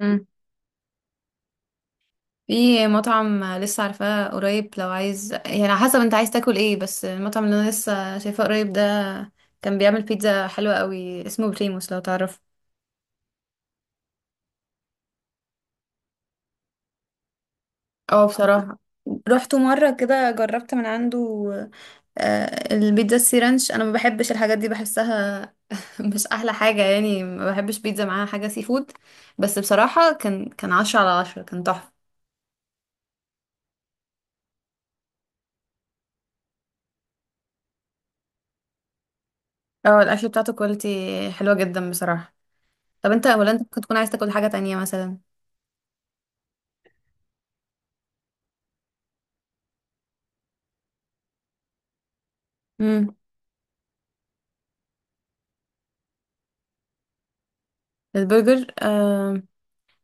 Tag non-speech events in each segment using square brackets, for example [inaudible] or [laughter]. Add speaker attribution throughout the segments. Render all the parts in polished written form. Speaker 1: مم. في مطعم لسه عارفاه قريب، لو عايز يعني على حسب انت عايز تاكل ايه. بس المطعم اللي انا لسه شايفاه قريب ده كان بيعمل بيتزا حلوة قوي، اسمه بريموس، لو تعرف. اه بصراحة رحت مرة كده جربت من عنده. البيتزا السي رانش انا ما بحبش الحاجات دي، بحسها [laughs] مش احلى حاجة يعني. ما بحبش بيتزا معاها حاجة سي فود. بس بصراحة كان 10/10، كان تحفة. اه الاكل بتاعته كواليتي، حلوة جدا بصراحة. طب انت، ولا انت ممكن تكون عايز تاكل حاجة تانية مثلا؟ امم البرجر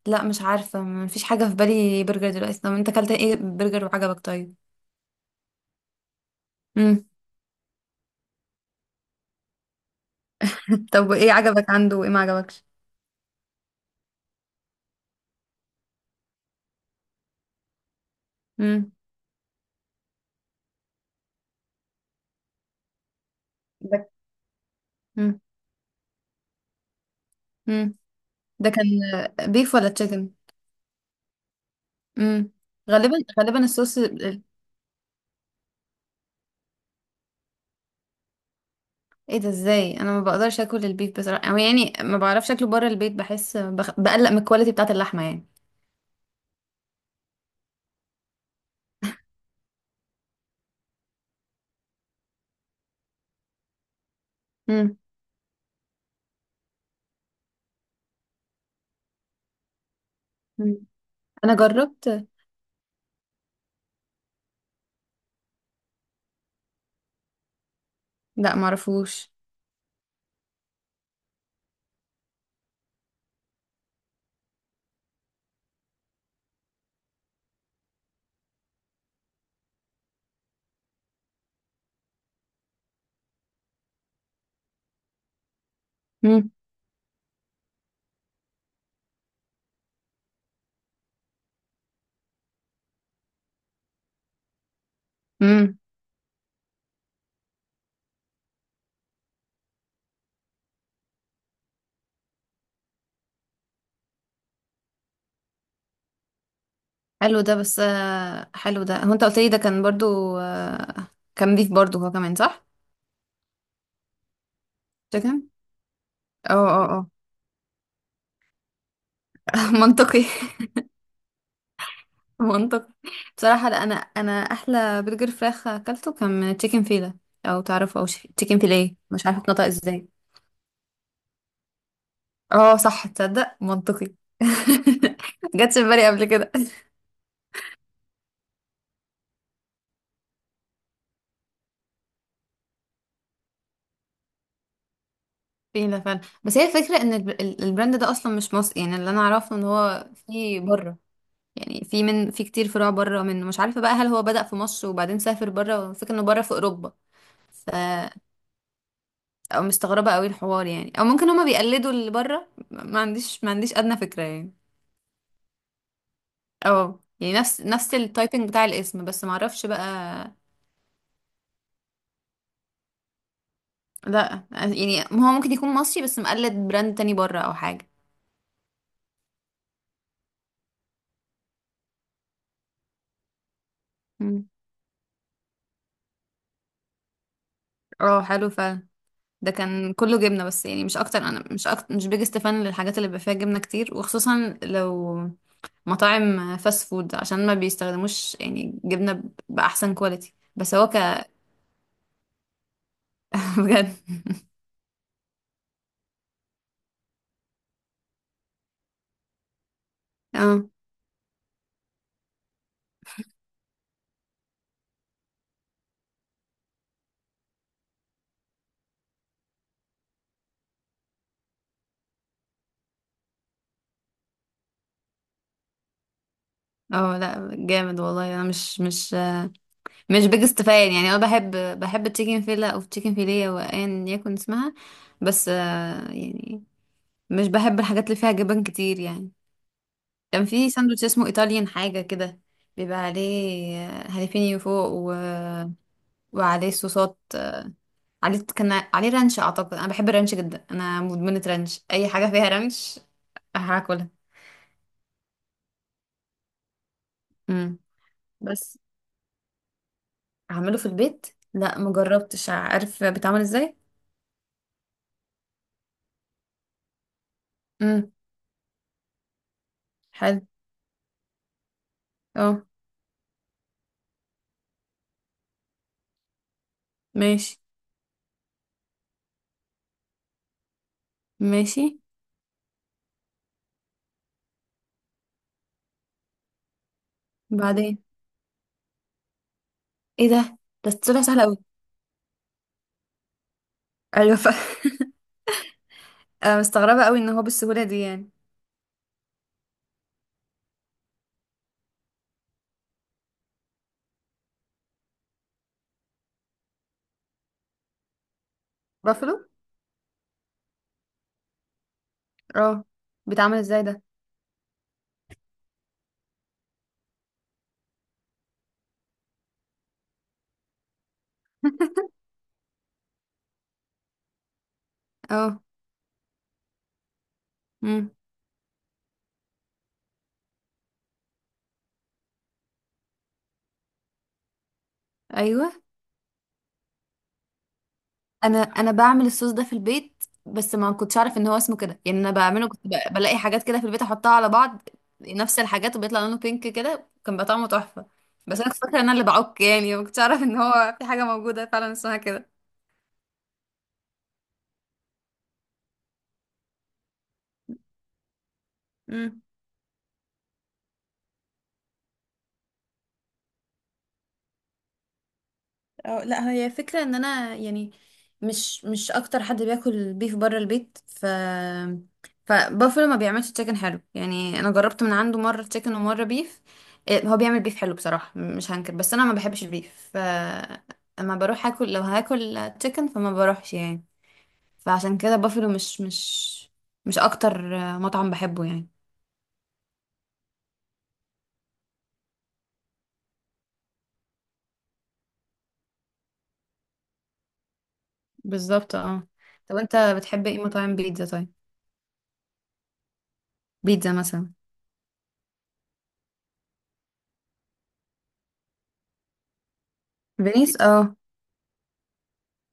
Speaker 1: لا مش عارفة، مفيش حاجة في بالي برجر دلوقتي. طب انت اكلت ايه برجر وعجبك؟ طيب. امم [laughs] طب ايه عجبك عنده وايه ما عجبكش؟ امم ده امم امم ده كان بيف ولا تشيكن؟ امم غالبا غالبا الصوص ايه ده ازاي؟ انا ما بقدرش اكل البيف بصراحة، او يعني ما بعرفش اكله بره البيت، بحس بقلق من الكواليتي بتاعة اللحمة يعني. امم امم انا جربت. لا معرفوش. امم حلو ده، بس حلو ده، هو انت قلت لي ده كان برضو كان بيف برضو هو كمان صح؟ تشيكن. اه اه اه. [laughs] منطقي. [laughs] منطقي بصراحة. لا انا احلى برجر فراخ اكلته كان من تشيكن فيلا، او تعرفه او تشيكن فيليه، مش عارفة اتنطق ازاي. اه صح، تصدق منطقي. [laughs] جاتش في بالي قبل كده. [laughs] فيلا فعلا. بس هي الفكرة ان البراند ده اصلا مش مصري. يعني اللي انا اعرفه ان هو في بره. يعني في كتير فروع بره منه، مش عارفة بقى هل هو بدأ في مصر وبعدين سافر بره. فكرة انه بره في اوروبا. ف او مستغربة قوي الحوار يعني. او ممكن هما بيقلدوا اللي بره، ما عنديش ادنى فكرة يعني. اه يعني نفس نفس التايبنج بتاع الاسم، بس ما اعرفش بقى. لا يعني هو ممكن يكون مصري بس مقلد براند تاني بره او حاجة. مم. اه حلو فعلا. ده كان كله جبنه بس يعني، مش اكتر. انا مش أكتر مش بيجست فان للحاجات اللي بيبقى فيها جبنه كتير، وخصوصا لو مطاعم فاست فود عشان ما بيستخدموش يعني جبنه باحسن كواليتي. بس هو ك [laughs] بجد. اه اه. لا جامد والله. انا مش بيجست فان يعني. انا بحب بحب التشيكن فيلا او تشيكن فيليه وايا يكن اسمها. بس يعني مش بحب الحاجات اللي فيها جبن كتير يعني. كان في ساندوتش اسمه ايطاليان حاجه كده، بيبقى عليه هاليفينيو فوق، وعليه صوصات عليه كان عليه رانش اعتقد. انا بحب الرانش جدا، انا مدمنة رانش، اي حاجة فيها رانش هاكلها. امم بس اعمله في البيت؟ لا مجربتش، عارف بيتعمل ازاي؟ امم حلو. اه. ماشي ماشي. بعدين. ايه ده؟ ده طلع سهل قوي. ايوه [laughs] انا مستغربة قوي ان هو بالسهولة دي يعني. بافلو. اه، بيتعمل ازاي ده؟ اه. امم ايوه. انا بعمل الصوص ده في البيت، بس ما كنتش اعرف ان هو اسمه كده يعني. انا بعمله كنت بلاقي حاجات كده في البيت احطها على بعض. نفس الحاجات وبيطلع لونه بينك كده، كان بقى طعمه تحفة. بس انا كنت فاكره ان انا اللي بعك يعني، ما كنتش اعرف ان هو في حاجه موجوده فعلا اسمها كده. اه لا، هي فكرة ان انا يعني مش اكتر حد بياكل بيف بره البيت. فبافلو ما بيعملش تشيكن حلو يعني. انا جربت من عنده مرة تشيكن ومرة بيف. إيه، هو بيعمل بيف حلو بصراحة مش هنكر، بس انا ما بحبش البيف. ف اما بروح اكل لو هاكل تشيكن فما بروحش يعني. فعشان كده بافلو مش اكتر مطعم بحبه يعني. بالظبط اه. طب انت بتحب ايه مطاعم بيتزا طيب؟ بيتزا مثلا. فينيس اه.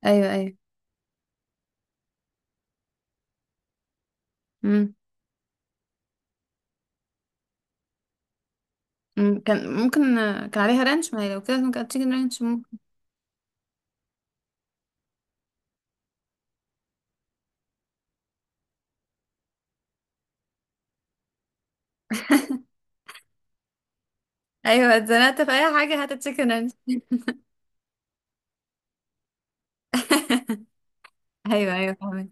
Speaker 1: ايوه ايوه. امم. مم، كان ممكن كان عليها رانش. ما هي لو كده ممكن هات تشيكن رانش ممكن. ايوه، اتزنقت في اي حاجه هات تشيكن رانش. [laughs] ايوه ايوه فاهمك.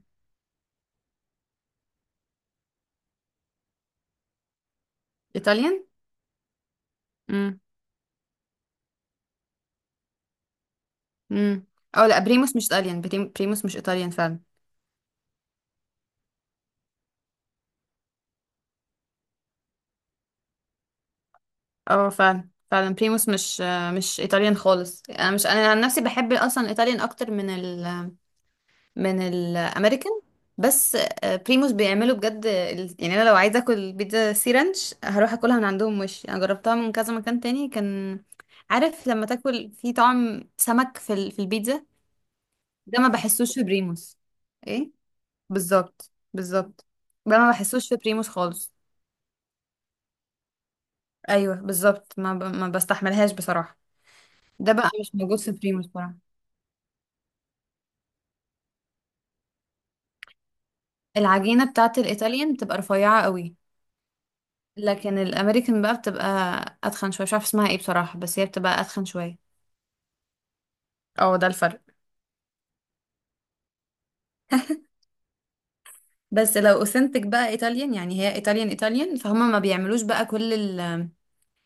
Speaker 1: ايطاليان. امم امم او لا، بريموس مش ايطاليان. بريموس مش ايطاليان فعلا. اه فعلا فعلا. بريموس مش ايطاليان خالص. انا مش انا عن نفسي بحب اصلا الايطاليان اكتر من الامريكان. بس بريموس بيعملوا بجد يعني انا لو عايزه اكل بيتزا سي رانش هروح اكلها من عندهم، مش انا جربتها من كذا مكان تاني كان، عارف لما تاكل في طعم سمك في في البيتزا؟ ده ما بحسوش في بريموس. ايه بالظبط بالظبط. ده ما بحسوش في بريموس خالص. ايوه بالظبط، ما بستحملهاش بصراحه. ده بقى مش موجود في بريموس بصراحه. العجينه بتاعت الايطاليان بتبقى رفيعه قوي. لكن الامريكان بقى بتبقى اتخن شويه، مش عارفه اسمها ايه بصراحه، بس هي بتبقى اتخن شويه. اه ده الفرق. بس لو اوثنتك بقى ايطاليان يعني، هي ايطاليان ايطاليان. فهم ما بيعملوش بقى كل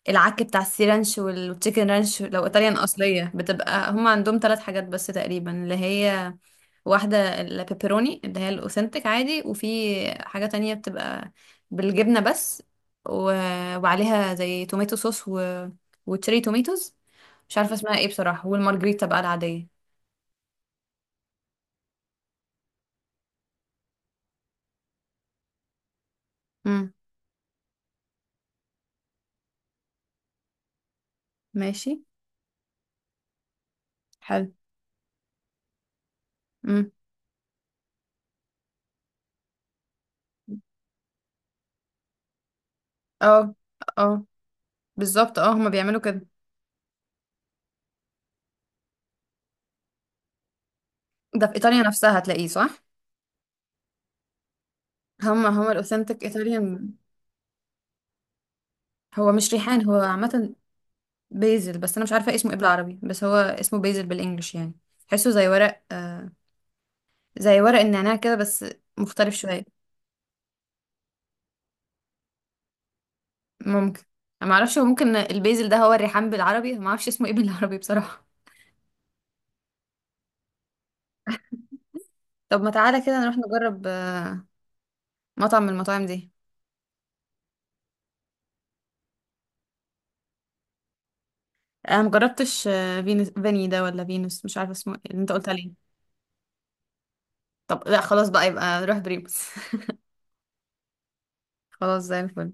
Speaker 1: العك بتاع السي رانش والتشيكن رانش. لو ايطاليان اصليه بتبقى هم عندهم 3 حاجات بس تقريبا، اللي هي واحدة البيبروني اللي هي الأوثنتك عادي، وفي حاجة تانية بتبقى بالجبنة بس، و... وعليها زي توميتو صوص و... وتشيري توميتوز، مش عارفة اسمها ايه بصراحة، والمارجريتا بقى العادية. امم. ماشي. حلو. امم. اه اه بالظبط، اه هما بيعملوا كده. ده في ايطاليا نفسها هتلاقيه صح؟ هما الاوثنتيك ايطاليان. هو مش ريحان، هو عامة بيزل، بس انا مش عارفة اسمه ايه بالعربي. بس هو اسمه بيزل بالانجلش يعني. تحسه زي ورق زي ورق النعناع كده بس مختلف شوية. ممكن. انا معرفش، هو ممكن البيزل ده هو الريحان بالعربي. ما اعرفش اسمه ايه [laughs] بالعربي بصراحة. طب ما تعالى كده نروح نجرب مطعم من المطاعم دي. انا مجربتش فينوس فيني ده ولا فينوس، مش عارفة اسمه إيه اللي انت قلت عليه. طب لا خلاص بقى، يبقى نروح بريموس. [laughs] خلاص زي الفل.